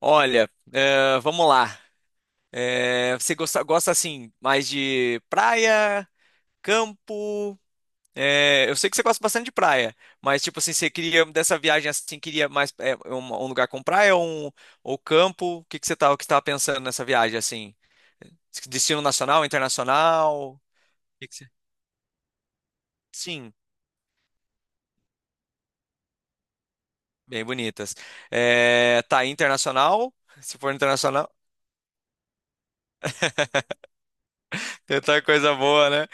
Olha, vamos lá. Você gosta assim mais de praia, campo? Eu sei que você gosta bastante de praia, mas tipo assim, você queria dessa viagem assim, queria mais um lugar com praia ou campo? O que que você tá, o que estava pensando nessa viagem assim? Destino nacional, internacional? O que que você- Sim, bem bonitas. Tá internacional? Se for internacional, tem outra coisa boa, né?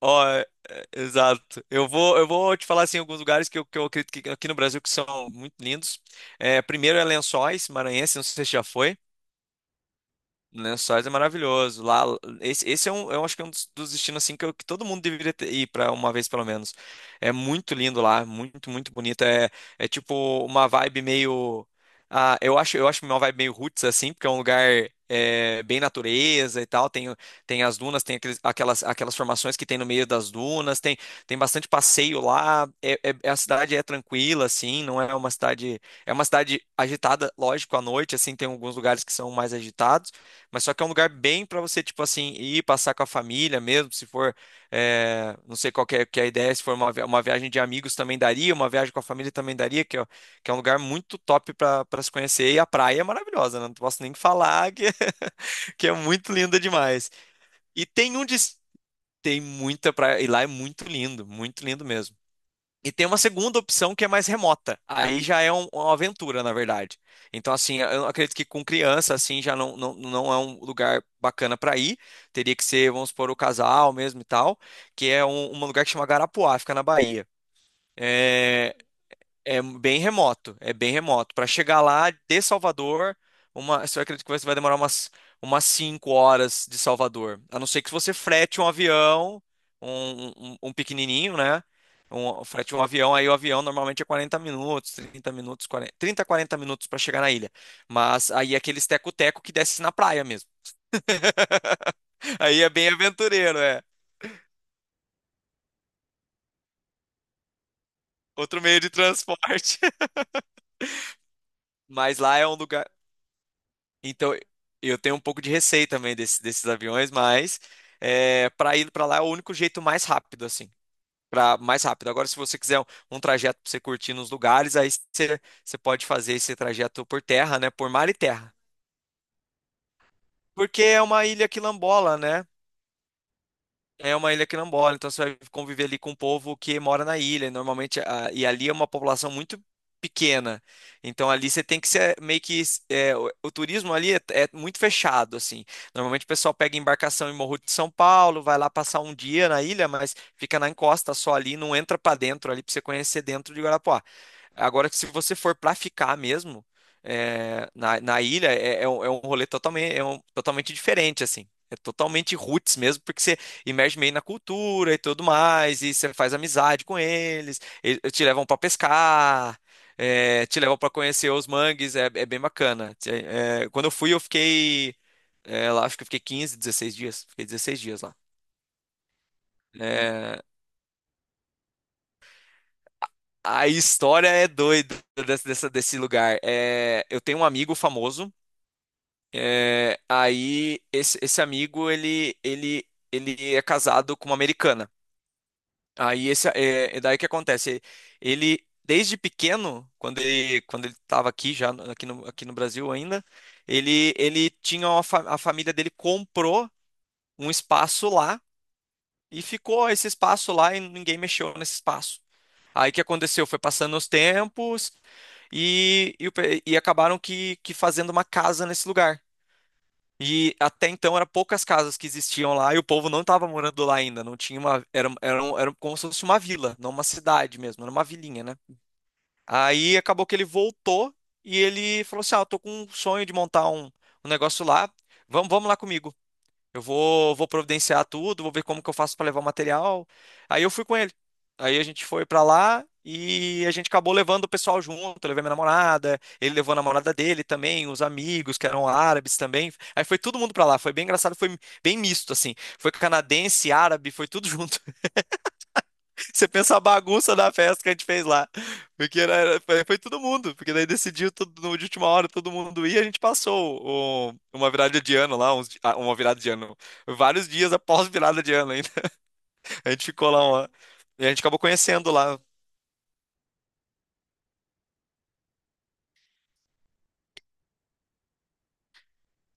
Ó, exato. Eu vou te falar assim alguns lugares que eu acredito que aqui no Brasil que são muito lindos. Primeiro é Lençóis, Maranhense, não sei se você já foi. Lençóis é maravilhoso. Lá, esse é um, eu acho que é um dos, destinos assim que, que todo mundo deveria ir para uma vez pelo menos. É muito lindo lá, muito, muito bonito. É tipo uma vibe meio, eu acho, uma vibe meio roots assim, porque é um lugar bem natureza e tal. Tem as dunas, tem aquelas formações que tem no meio das dunas. Tem bastante passeio lá. A cidade é tranquila assim, não é uma cidade, é uma cidade agitada, lógico, à noite assim. Tem alguns lugares que são mais agitados, mas só que é um lugar bem para você, tipo assim, ir passar com a família mesmo, se for, não sei qual que é a ideia. Se for uma, uma viagem de amigos também daria, uma viagem com a família também daria, que é um lugar muito top para se conhecer, e a praia é maravilhosa, né? Não posso nem falar que, que é muito linda demais. E tem tem muita praia, e lá é muito lindo mesmo. E tem uma segunda opção que é mais remota. Aí já é uma aventura, na verdade. Então, assim, eu acredito que com criança, assim, já não, não, não é um lugar bacana para ir. Teria que ser, vamos supor, o casal mesmo e tal, que é um, lugar que chama Garapuá, fica na Bahia. É, é bem remoto, é bem remoto. Para chegar lá de Salvador, eu acredito que você vai demorar umas 5 horas de Salvador. A não ser que você frete um avião, um pequenininho, né? Frete um avião, aí o avião normalmente é 40 minutos, 30 minutos, 40, 30, 40 minutos para chegar na ilha. Mas aí é aqueles teco-teco que desce na praia mesmo. Aí é bem aventureiro, é. Outro meio de transporte. Mas lá é um lugar. Então, eu tenho um pouco de receio também desses aviões, mas para ir para lá é o único jeito mais rápido, assim. Mais rápido. Agora, se você quiser um, trajeto para você curtir nos lugares, aí você pode fazer esse trajeto por terra, né? Por mar e terra. Porque é uma ilha quilambola, né? É uma ilha quilombola, então você vai conviver ali com o povo que mora na ilha, normalmente, e ali é uma população muito pequena. Então ali você tem que ser meio que o, turismo ali é muito fechado assim. Normalmente o pessoal pega embarcação em Morro de São Paulo, vai lá passar um dia na ilha, mas fica na encosta só ali, não entra pra dentro ali pra você conhecer dentro de Guarapuá. Agora que, se você for pra ficar mesmo na ilha é um rolê totalmente, totalmente diferente assim. É totalmente roots mesmo, porque você imerge meio na cultura e tudo mais, e você faz amizade com eles, e te levam para pescar, te levam para conhecer os mangues, é bem bacana. Quando eu fui, eu fiquei lá, acho que eu fiquei 15, 16 dias, fiquei 16 dias lá. É, a história é doida desse lugar. Eu tenho um amigo famoso. Aí esse, amigo ele é casado com uma americana. Aí é daí que acontece. Ele desde pequeno, quando ele estava aqui já aqui no Brasil ainda, ele tinha a família dele comprou um espaço lá e ficou esse espaço lá e ninguém mexeu nesse espaço. Aí o que aconteceu? Foi passando os tempos e acabaram que fazendo uma casa nesse lugar. E até então eram poucas casas que existiam lá e o povo não estava morando lá ainda. Não tinha uma. Era como se fosse uma vila, não uma cidade mesmo, era uma vilinha, né? Aí acabou que ele voltou e ele falou assim: "Ah, eu tô com um sonho de montar um negócio lá. Vamos lá comigo. Eu vou providenciar tudo, vou ver como que eu faço para levar o material." Aí eu fui com ele. Aí a gente foi para lá e a gente acabou levando o pessoal junto. Eu levei minha namorada, ele levou a namorada dele também, os amigos que eram árabes também. Aí foi todo mundo para lá. Foi bem engraçado, foi bem misto assim. Foi canadense, árabe, foi tudo junto. Você pensa a bagunça da festa que a gente fez lá. Porque foi todo mundo. Porque daí decidiu tudo de última hora, todo mundo ia. A gente passou uma virada de ano lá, uma virada de ano. Vários dias após virada de ano ainda. A gente ficou lá. E a gente acabou conhecendo lá.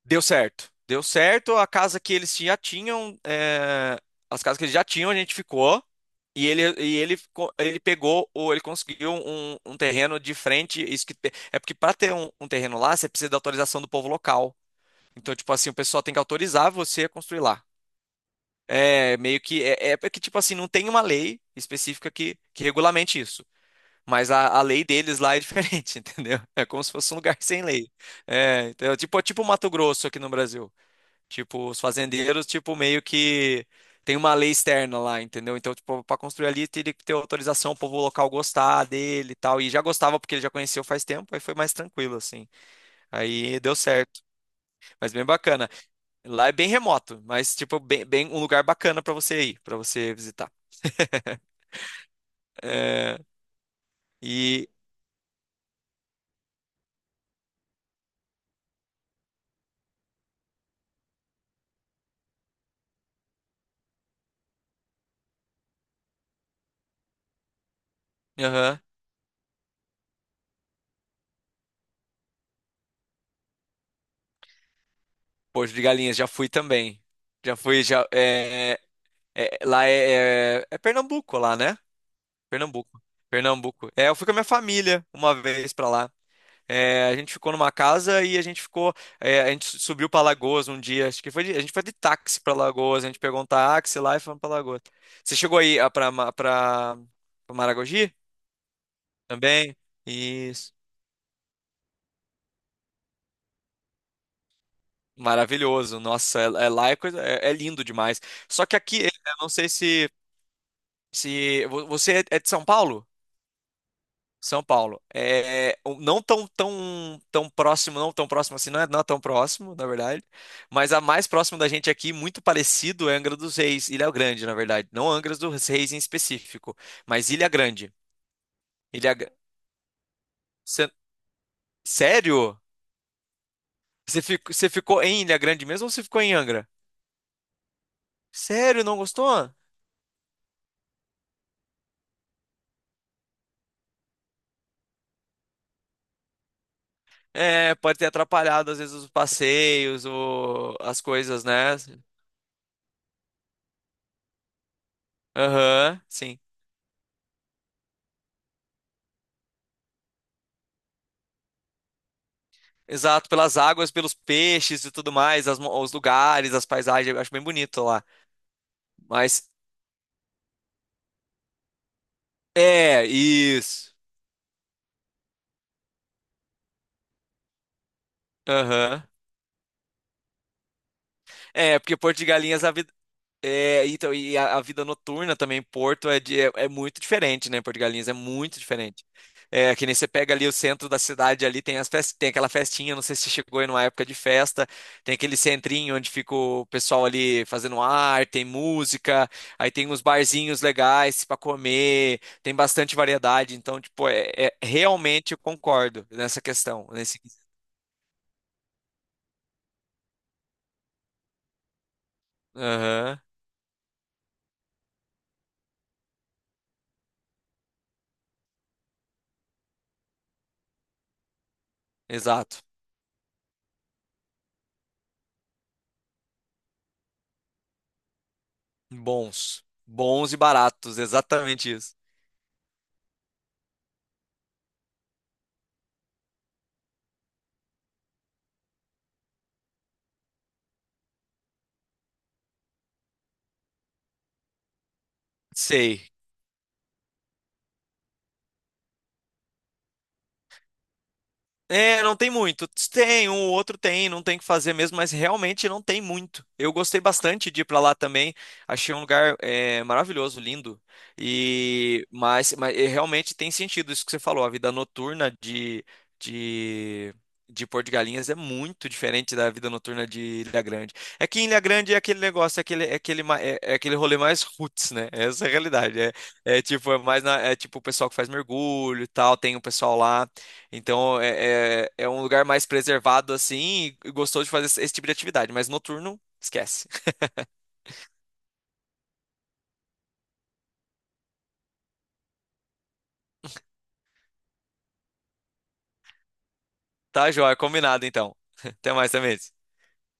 Deu certo. Deu certo. A casa que eles já tinham, as casas que eles já tinham, a gente ficou. Ele pegou, ou ele conseguiu um, um, terreno de frente. Isso que, é porque para ter um terreno lá, você precisa da autorização do povo local. Então, tipo assim, o pessoal tem que autorizar você a construir lá. É meio que. É porque, tipo assim, não tem uma lei específica que regulamente isso. Mas a lei deles lá é diferente, entendeu? É como se fosse um lugar sem lei. É, então, tipo Mato Grosso aqui no Brasil. Tipo, os fazendeiros, tipo, meio que tem uma lei externa lá, entendeu? Então, tipo, para construir ali, teria que ter autorização, o povo local gostar dele e tal. E já gostava porque ele já conheceu faz tempo, aí foi mais tranquilo, assim. Aí deu certo. Mas bem bacana. Lá é bem remoto, mas, tipo, bem, bem um lugar bacana para você ir, para você visitar. É, e, aham. Porto de Galinhas, já fui também. Já fui, já. Lá é Pernambuco, lá, né? Pernambuco. Pernambuco. Eu fui com a minha família uma vez pra lá. A gente ficou numa casa e a gente ficou. A gente subiu pra Lagoas um dia. Acho que foi a gente foi de táxi pra Lagoas. A gente pegou um táxi lá e fomos pra Lagoas. Você chegou aí pra Maragogi também? Isso. Maravilhoso. Nossa, lá é lindo demais. Só que aqui, eu não sei se, você é de São Paulo? São Paulo. Não tão, tão, tão próximo, não tão próximo assim, não é tão próximo, na verdade. Mas a mais próxima da gente aqui, muito parecido, é Angra dos Reis, Ilha Grande, na verdade. Não Angra dos Reis em específico, mas Ilha Grande. Ilha... Gra- Cê- Sério? Você ficou em Ilha Grande mesmo ou você ficou em Angra? Sério, não gostou? Pode ter atrapalhado às vezes os passeios, as coisas, né? Aham, sim. Exato, pelas águas, pelos peixes e tudo mais, os lugares, as paisagens, eu acho bem bonito lá. Mas isso. Aham. Porque Porto de Galinhas a, vi- É, então, e a vida noturna também em Porto é muito diferente, né? Porto de Galinhas é muito diferente. Que nem você pega ali o centro da cidade, ali tem tem aquela festinha, não sei se você chegou aí numa época de festa, tem aquele centrinho onde fica o pessoal ali fazendo arte, tem música, aí tem uns barzinhos legais para comer, tem bastante variedade, então, tipo, realmente eu concordo nessa questão, nesse. Aham, exato. Bons. Bons e baratos, exatamente isso. Sei. Não tem muito. Tem, um ou outro tem, não tem o que fazer mesmo, mas realmente não tem muito. Eu gostei bastante de ir pra lá também. Achei um lugar maravilhoso, lindo. E realmente tem sentido isso que você falou. A vida noturna de, de Porto de Galinhas é muito diferente da vida noturna de Ilha Grande. É que em Ilha Grande é aquele negócio, é aquele, ma- é, é aquele rolê mais roots, né? Essa é a realidade. É tipo o pessoal que faz mergulho e tal, tem o pessoal lá. Então é um lugar mais preservado assim e gostoso de fazer esse tipo de atividade, mas noturno, esquece. Tá, joia, combinado então. Até mais, também.